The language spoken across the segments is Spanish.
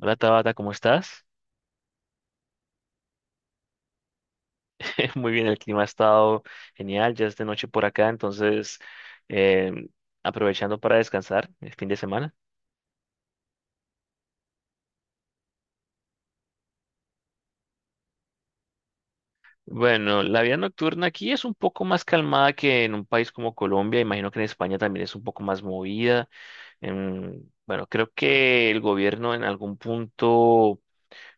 Hola Tabata, ¿cómo estás? Muy bien, el clima ha estado genial, ya es de noche por acá, entonces eh, aprovechando para descansar el fin de semana. Bueno, la vida nocturna aquí es un poco más calmada que en un país como Colombia, imagino que en España también es un poco más movida. Bueno, creo que el gobierno en algún punto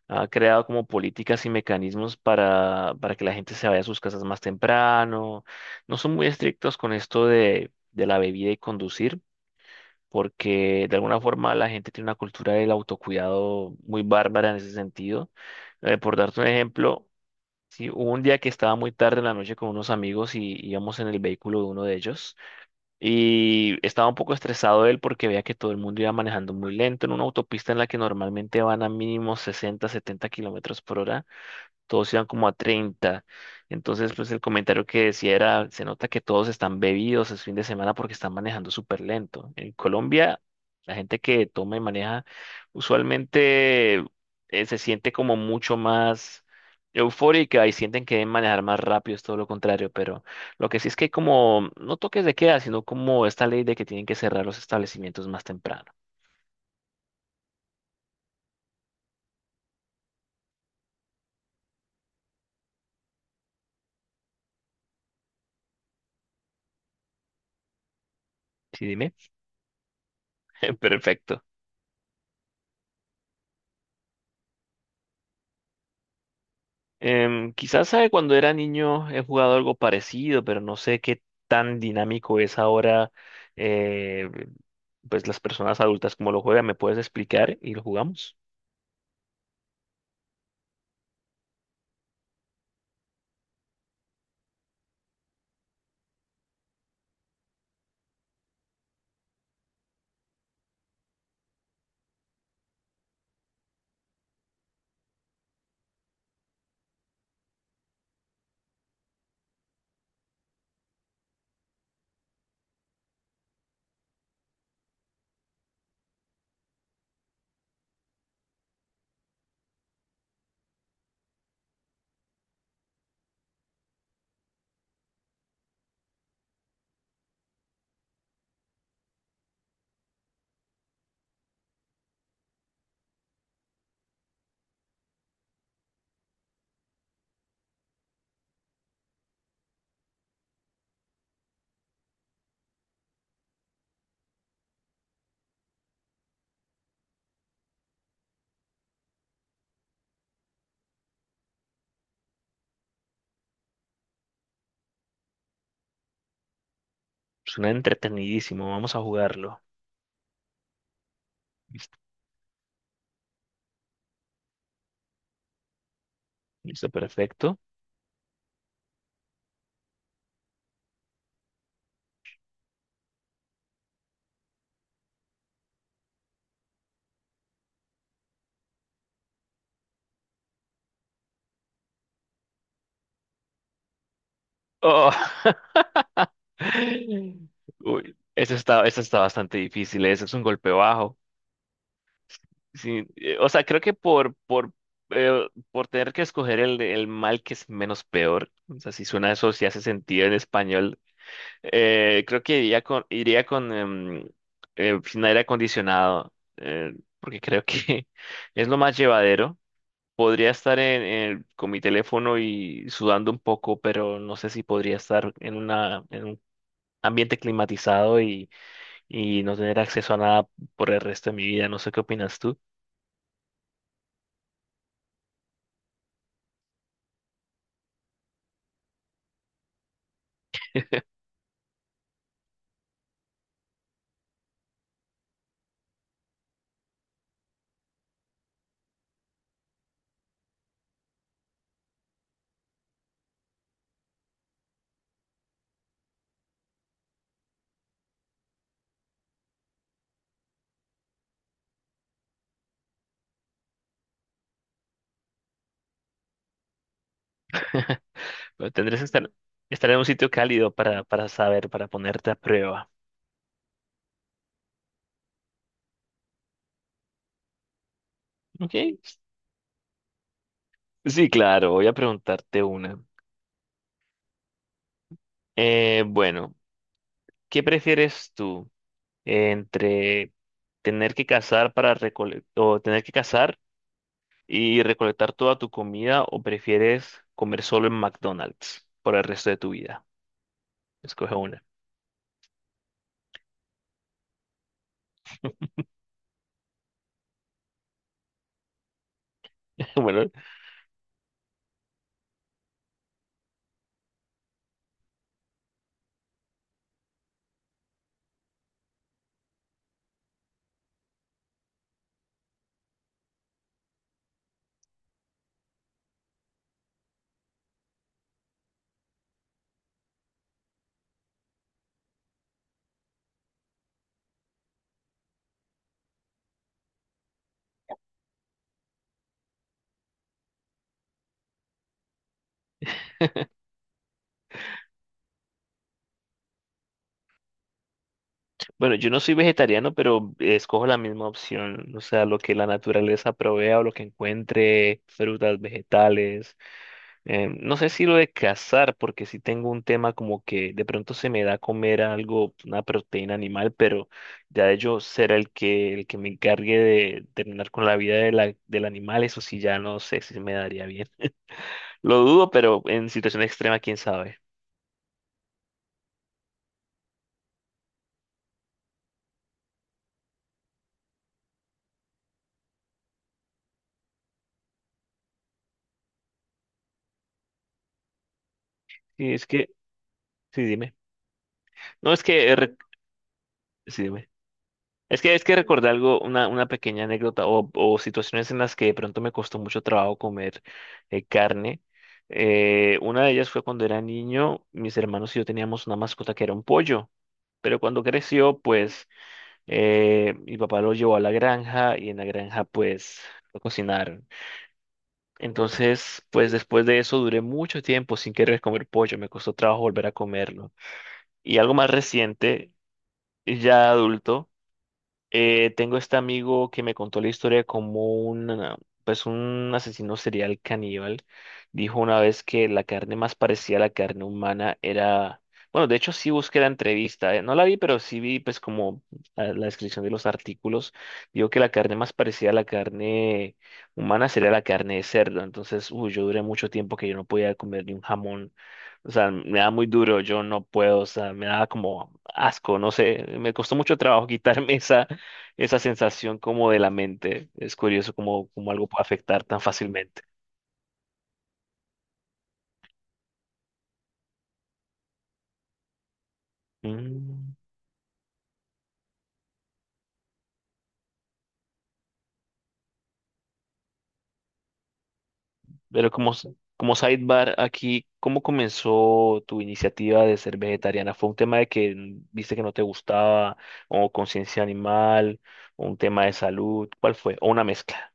ha creado como políticas y mecanismos para que la gente se vaya a sus casas más temprano. No son muy estrictos con esto de la bebida y conducir, porque de alguna forma la gente tiene una cultura del autocuidado muy bárbara en ese sentido. Por darte un ejemplo, si hubo un día que estaba muy tarde en la noche con unos amigos y íbamos en el vehículo de uno de ellos y estaba un poco estresado él porque veía que todo el mundo iba manejando muy lento en una autopista en la que normalmente van a mínimo 60, 70 kilómetros por hora, todos iban como a 30. Entonces, pues el comentario que decía era: se nota que todos están bebidos, es fin de semana, porque están manejando súper lento. En Colombia, la gente que toma y maneja usualmente se siente como mucho más eufórica y sienten que deben manejar más rápido, es todo lo contrario, pero lo que sí es que hay como, no toques de queda, sino como esta ley de que tienen que cerrar los establecimientos más temprano. Sí, dime. Perfecto. Quizás sabe cuando era niño he jugado algo parecido, pero no sé qué tan dinámico es ahora, eh, pues las personas adultas como lo juegan. ¿Me puedes explicar y lo jugamos? Suena entretenidísimo, vamos a jugarlo. Listo, listo, perfecto. Oh. Uy, eso está bastante difícil, ese es un golpe bajo. Sí, o sea, creo que por tener que escoger el mal que es menos peor, o sea, si suena eso, si hace sentido en español. Creo que iría con sin aire acondicionado, porque creo que es lo más llevadero. Podría estar con mi teléfono y sudando un poco, pero no sé si podría estar en un ambiente climatizado y no tener acceso a nada por el resto de mi vida. No sé qué opinas tú. Pero estar en un sitio cálido para saber, para ponerte a prueba. ¿Ok? Sí, claro, voy a preguntarte una. Bueno. ¿Qué prefieres tú entre tener que cazar para recolectar o tener que cazar y recolectar toda tu comida, o prefieres comer solo en McDonald's por el resto de tu vida? Escoge una. Bueno, bueno, yo no soy vegetariano, pero escojo la misma opción, o sea, lo que la naturaleza provea o lo que encuentre, frutas, vegetales. No sé si lo de cazar, porque sí tengo un tema como que de pronto se me da comer algo, una proteína animal, pero ya de yo ser el que me encargue de terminar con la vida de la, del animal, eso sí ya no sé si me daría bien. Lo dudo, pero en situación extrema, quién sabe. Sí es que, sí, dime. No, es que, sí, dime. Es que recordé algo, una pequeña anécdota o situaciones en las que de pronto me costó mucho trabajo comer carne. Una de ellas fue cuando era niño, mis hermanos y yo teníamos una mascota que era un pollo, pero cuando creció, pues mi papá lo llevó a la granja y en la granja pues lo cocinaron. Entonces, pues después de eso duré mucho tiempo sin querer comer pollo, me costó trabajo volver a comerlo. Y algo más reciente, ya adulto. Tengo este amigo que me contó la historia de cómo pues un asesino serial caníbal dijo una vez que la carne más parecida a la carne humana era, bueno, de hecho sí busqué la entrevista, no la vi, pero sí vi pues como la descripción de los artículos. Dijo que la carne más parecida a la carne humana sería la carne de cerdo. Entonces, uy, yo duré mucho tiempo que yo no podía comer ni un jamón. O sea, me da muy duro, yo no puedo, o sea, me da como asco, no sé, me costó mucho trabajo quitarme esa, esa sensación como de la mente. Es curioso cómo, cómo algo puede afectar tan fácilmente. Mm. Pero como, s- como sidebar aquí, ¿cómo comenzó tu iniciativa de ser vegetariana? ¿Fue un tema de que viste que no te gustaba, o conciencia animal, o un tema de salud? ¿Cuál fue? ¿O una mezcla?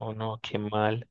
Oh no, qué mal.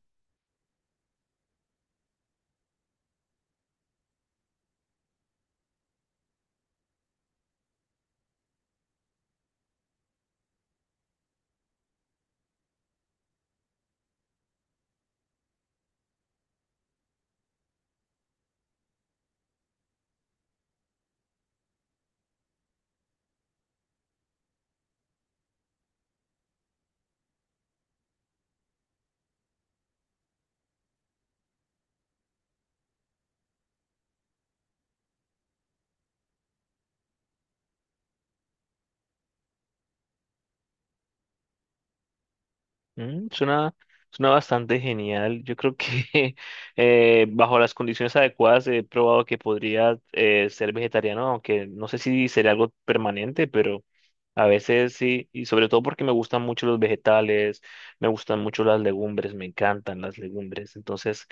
Mm, suena bastante genial. Yo creo que bajo las condiciones adecuadas he probado que podría ser vegetariano, aunque no sé si sería algo permanente, pero a veces sí, y sobre todo porque me gustan mucho los vegetales, me gustan mucho las legumbres, me encantan las legumbres. Entonces,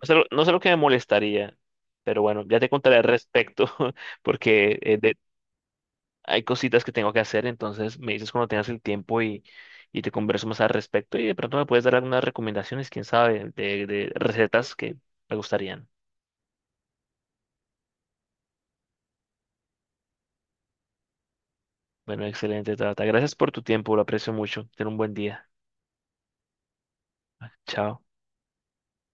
no sé, lo- no sé lo que me molestaría, pero bueno, ya te contaré al respecto, porque hay cositas que tengo que hacer, entonces me dices cuando tengas el tiempo y te converso más al respecto y de pronto me puedes dar algunas recomendaciones, quién sabe, de recetas que me gustarían. Bueno, excelente, Tata. Gracias por tu tiempo, lo aprecio mucho. Ten un buen día. Chao.